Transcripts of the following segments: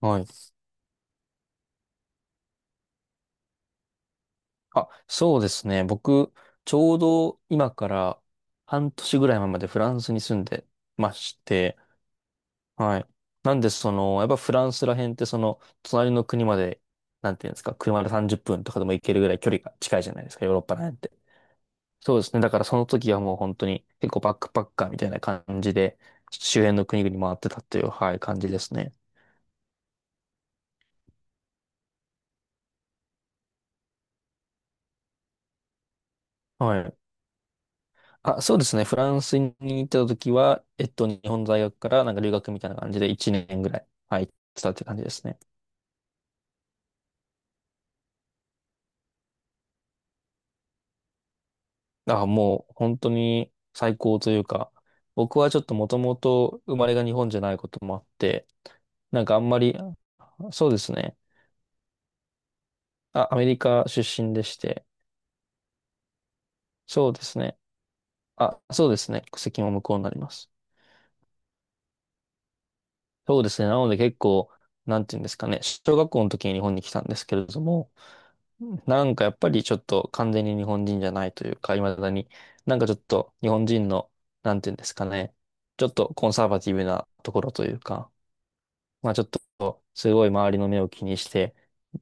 はい。あ、そうですね。僕、ちょうど今から半年ぐらい前までフランスに住んでまして、はい。なんで、その、やっぱフランスら辺って、その、隣の国まで、なんていうんですか、車で30分とかでも行けるぐらい距離が近いじゃないですか、ヨーロッパら辺って。そうですね。だからその時はもう本当に結構バックパッカーみたいな感じで、周辺の国々回ってたっていう、はい、感じですね。はい。あ、そうですね。フランスに行ってた時は、日本在学からなんか留学みたいな感じで1年ぐらい、はい、行ってたって感じですね。あ、もう本当に最高というか、僕はちょっともともと生まれが日本じゃないこともあって、なんかあんまり、そうですね。あ、アメリカ出身でして、そうですね。あ、そうですね。国籍も向こうになります。そうですね。なので結構、なんていうんですかね。小学校の時に日本に来たんですけれども、なんかやっぱりちょっと完全に日本人じゃないというか、未だに、なんかちょっと日本人の、なんていうんですかね、ちょっとコンサバティブなところというか、まあちょっとすごい周りの目を気にして、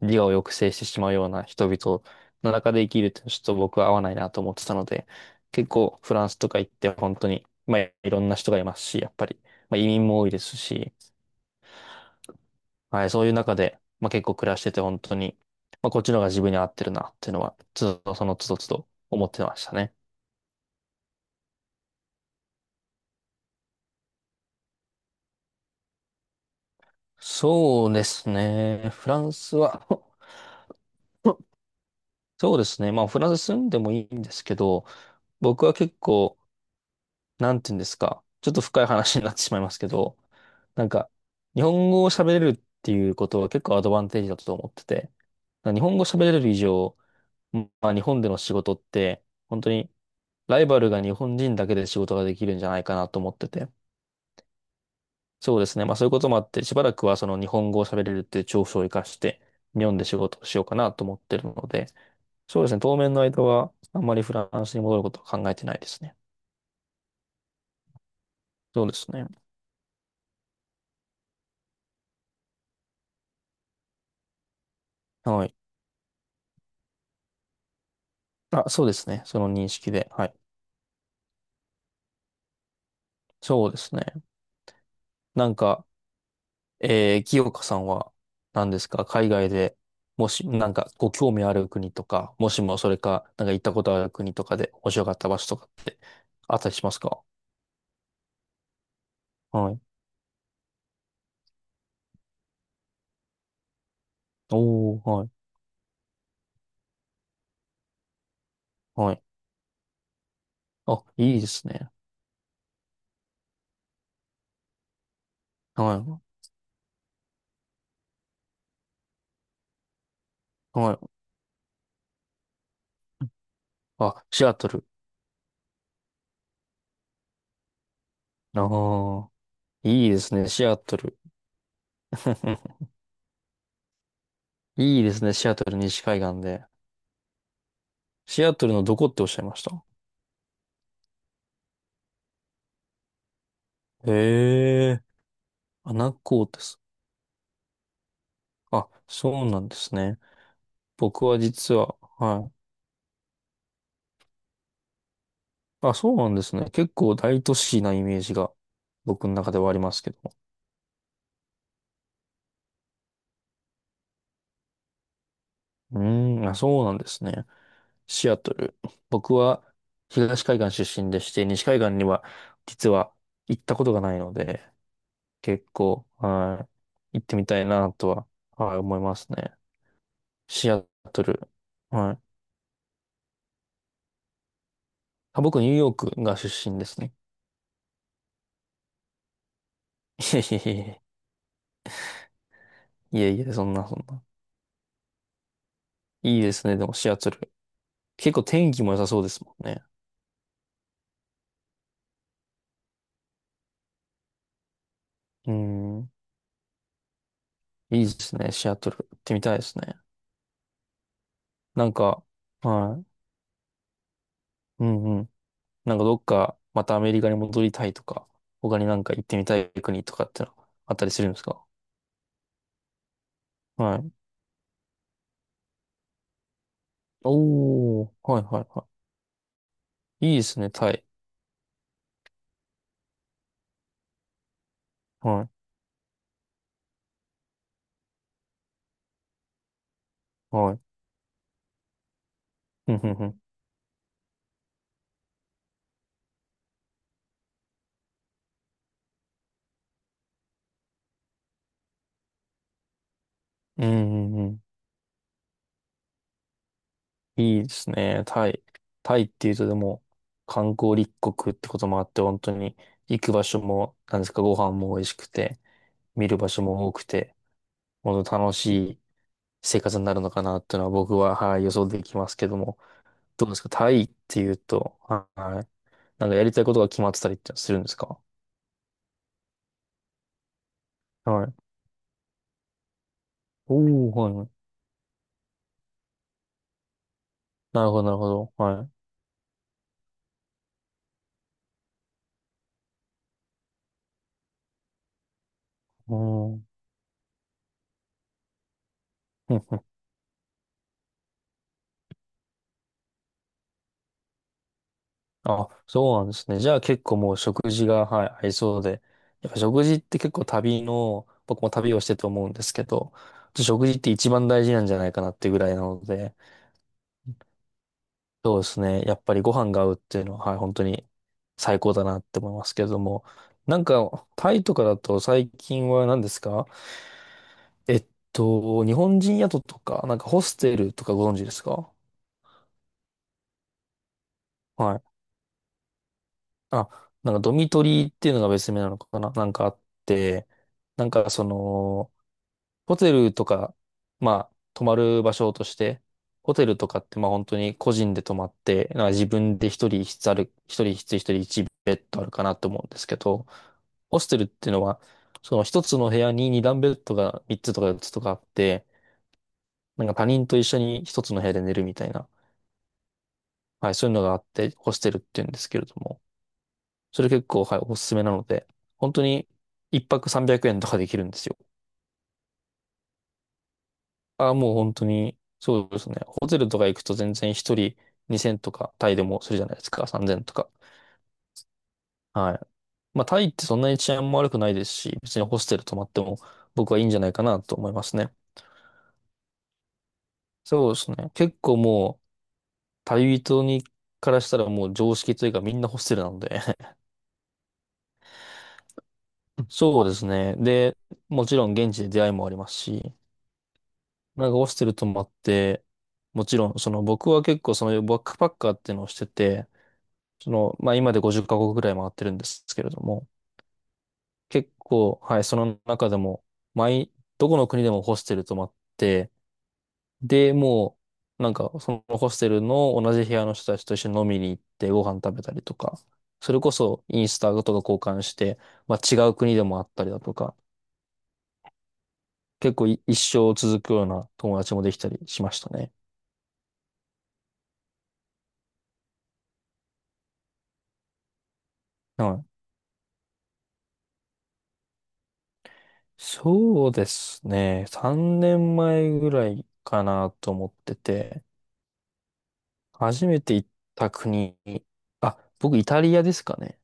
自我を抑制してしまうような人々の中で生きるってちょっと僕は合わないなと思ってたので、結構フランスとか行って本当に、まあいろんな人がいますし、やっぱり、まあ移民も多いですし、はい、そういう中で、まあ、結構暮らしてて本当に、まあ、こっちの方が自分に合ってるなっていうのは、つどそのつどつど思ってましたね。そうですね。フランスは そうですね。まあフランス住んでもいいんですけど、僕は結構、なんて言うんですか、ちょっと深い話になってしまいますけど、なんか、日本語を喋れるっていうことは結構アドバンテージだと思ってて、日本語喋れる以上、まあ日本での仕事って、本当にライバルが日本人だけで仕事ができるんじゃないかなと思ってて。そうですね。まあそういうこともあって、しばらくはその日本語を喋れるっていう長所を活かして、日本で仕事をしようかなと思ってるので、そうですね。当面の間は、あんまりフランスに戻ることは考えてないですね。そうですね。はい。あ、そうですね。その認識で。はい。そうですね。なんか、清香さんは、何ですか、海外で、もし、なんか、ご興味ある国とか、もしもそれか、なんか行ったことある国とかで面白かった場所とか、あったりしますか？はい。おー、はい、はい。あ、いいですね。はい、はい。あ、シアトル。ああ、いいですね、シアトル。いいですね、シアトル西海岸で。シアトルのどこっておっしゃいました？へえ、穴子です。あ、そうなんですね。僕は実は、はい。あ、そうなんですね。結構大都市なイメージが僕の中ではありますけど。うーん、あ、そうなんですね。シアトル。僕は東海岸出身でして、西海岸には実は行ったことがないので、結構、はい、行ってみたいなとは、はい、思いますね。シアトル。はい。あ、僕、ニューヨークが出身ですね。いえいえいえ、いえいえ、そんなそんな。いいですね、でもシアトル。結構天気も良さそうですもんね。うん、いいですね、シアトル。行ってみたいですね。なんか、はい。うん。なんかどっかまたアメリカに戻りたいとか、他になんか行ってみたい国とかってのあったりするんですか？はい。おー、はいはいはい。いいですね、タイ。はい、はい。うん、うん、うん。うん、うん。うん。いいですね、タイ。タイっていうとでも、観光立国ってこともあって、本当に行く場所も、なんですか、ご飯も美味しくて、見る場所も多くて、本当楽しい生活になるのかなっていうのは僕は、はい、予想できますけども、どうですか、タイっていうと、はい。なんかやりたいことが決まってたりってするんですか？はい。おー、はいはい。なるほど、なるほど。はい。うん。ふんふん。あ、そうなんですね。じゃあ結構もう食事が、はい、合いそうで。やっぱ食事って結構旅の、僕も旅をしてて思うんですけど、食事って一番大事なんじゃないかなってぐらいなので、そうですね。やっぱりご飯が合うっていうのは、はい、本当に最高だなって思いますけれども、なんか、タイとかだと最近は何ですか？えっ日本人宿とか、なんかホステルとかご存知ですか？はい。あ、なんかドミトリーっていうのが別名なのかななんかあって、なんかその、ホテルとか、まあ、泊まる場所として、ホテルとかってまあ本当に個人で泊まって、なんか自分で一人一ベッドあるかなと思うんですけど、ホステルっていうのは、その一つの部屋に二段ベッドが三つとか四つとかあって、なんか他人と一緒に一つの部屋で寝るみたいな。はい、そういうのがあってホステルっていうんですけれども、それ結構、はい、おすすめなので、本当に一泊300円とかできるんですよ。ああ、もう本当に、そうですね。ホテルとか行くと全然一人2000とかタイでもするじゃないですか、3000とか。はい。まあタイってそんなに治安も悪くないですし、別にホステル泊まっても僕はいいんじゃないかなと思いますね。そうですね。結構もう、旅人からしたらもう常識というかみんなホステルなので そうですね。で、もちろん現地で出会いもありますし、なんかホステル泊まって、もちろん、その僕は結構そのバックパッカーっていうのをしてて、その、まあ今で50カ国ぐらい回ってるんですけれども、結構、はい、その中でも、毎、どこの国でもホステル泊まって、で、もう、なんかそのホステルの同じ部屋の人たちと一緒に飲みに行ってご飯食べたりとか、それこそインスタとか交換して、まあ違う国でもあったりだとか、結構い一生続くような友達もできたりしましたね。はい。そうですね。3年前ぐらいかなと思ってて、初めて行った国、あ、僕イタリアですかね。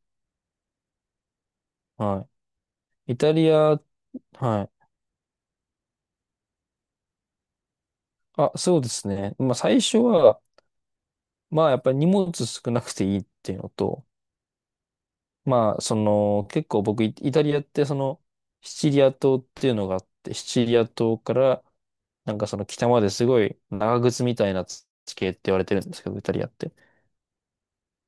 はい。イタリア、はい。あ、そうですね。まあ最初は、まあやっぱり荷物少なくていいっていうのと、まあその結構僕イイタリアってそのシチリア島っていうのがあって、シチリア島からなんかその北まですごい長靴みたいな地形って言われてるんですけど、イタリアって。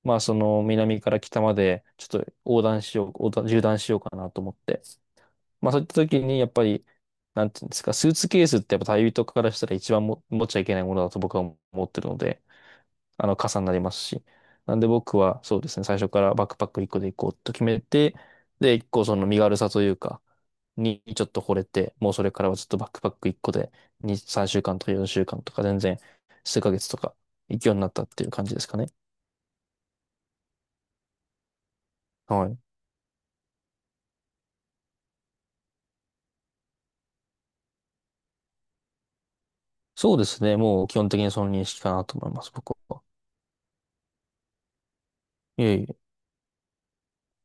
まあその南から北までちょっと横断しよう、横断、縦断しようかなと思って。まあそういった時にやっぱり、なんていうんですか、スーツケースってやっぱ旅人からしたら一番も持っちゃいけないものだと僕は思ってるので、あの傘になりますし。なんで僕はそうですね、最初からバックパック1個で行こうと決めて、で、1個その身軽さというか、にちょっと惚れて、もうそれからはずっとバックパック1個で2、3週間とか4週間とか全然数ヶ月とか行くようになったっていう感じですかね。はい。そうですね。もう基本的にその認識かなと思います、僕は。いえいえ。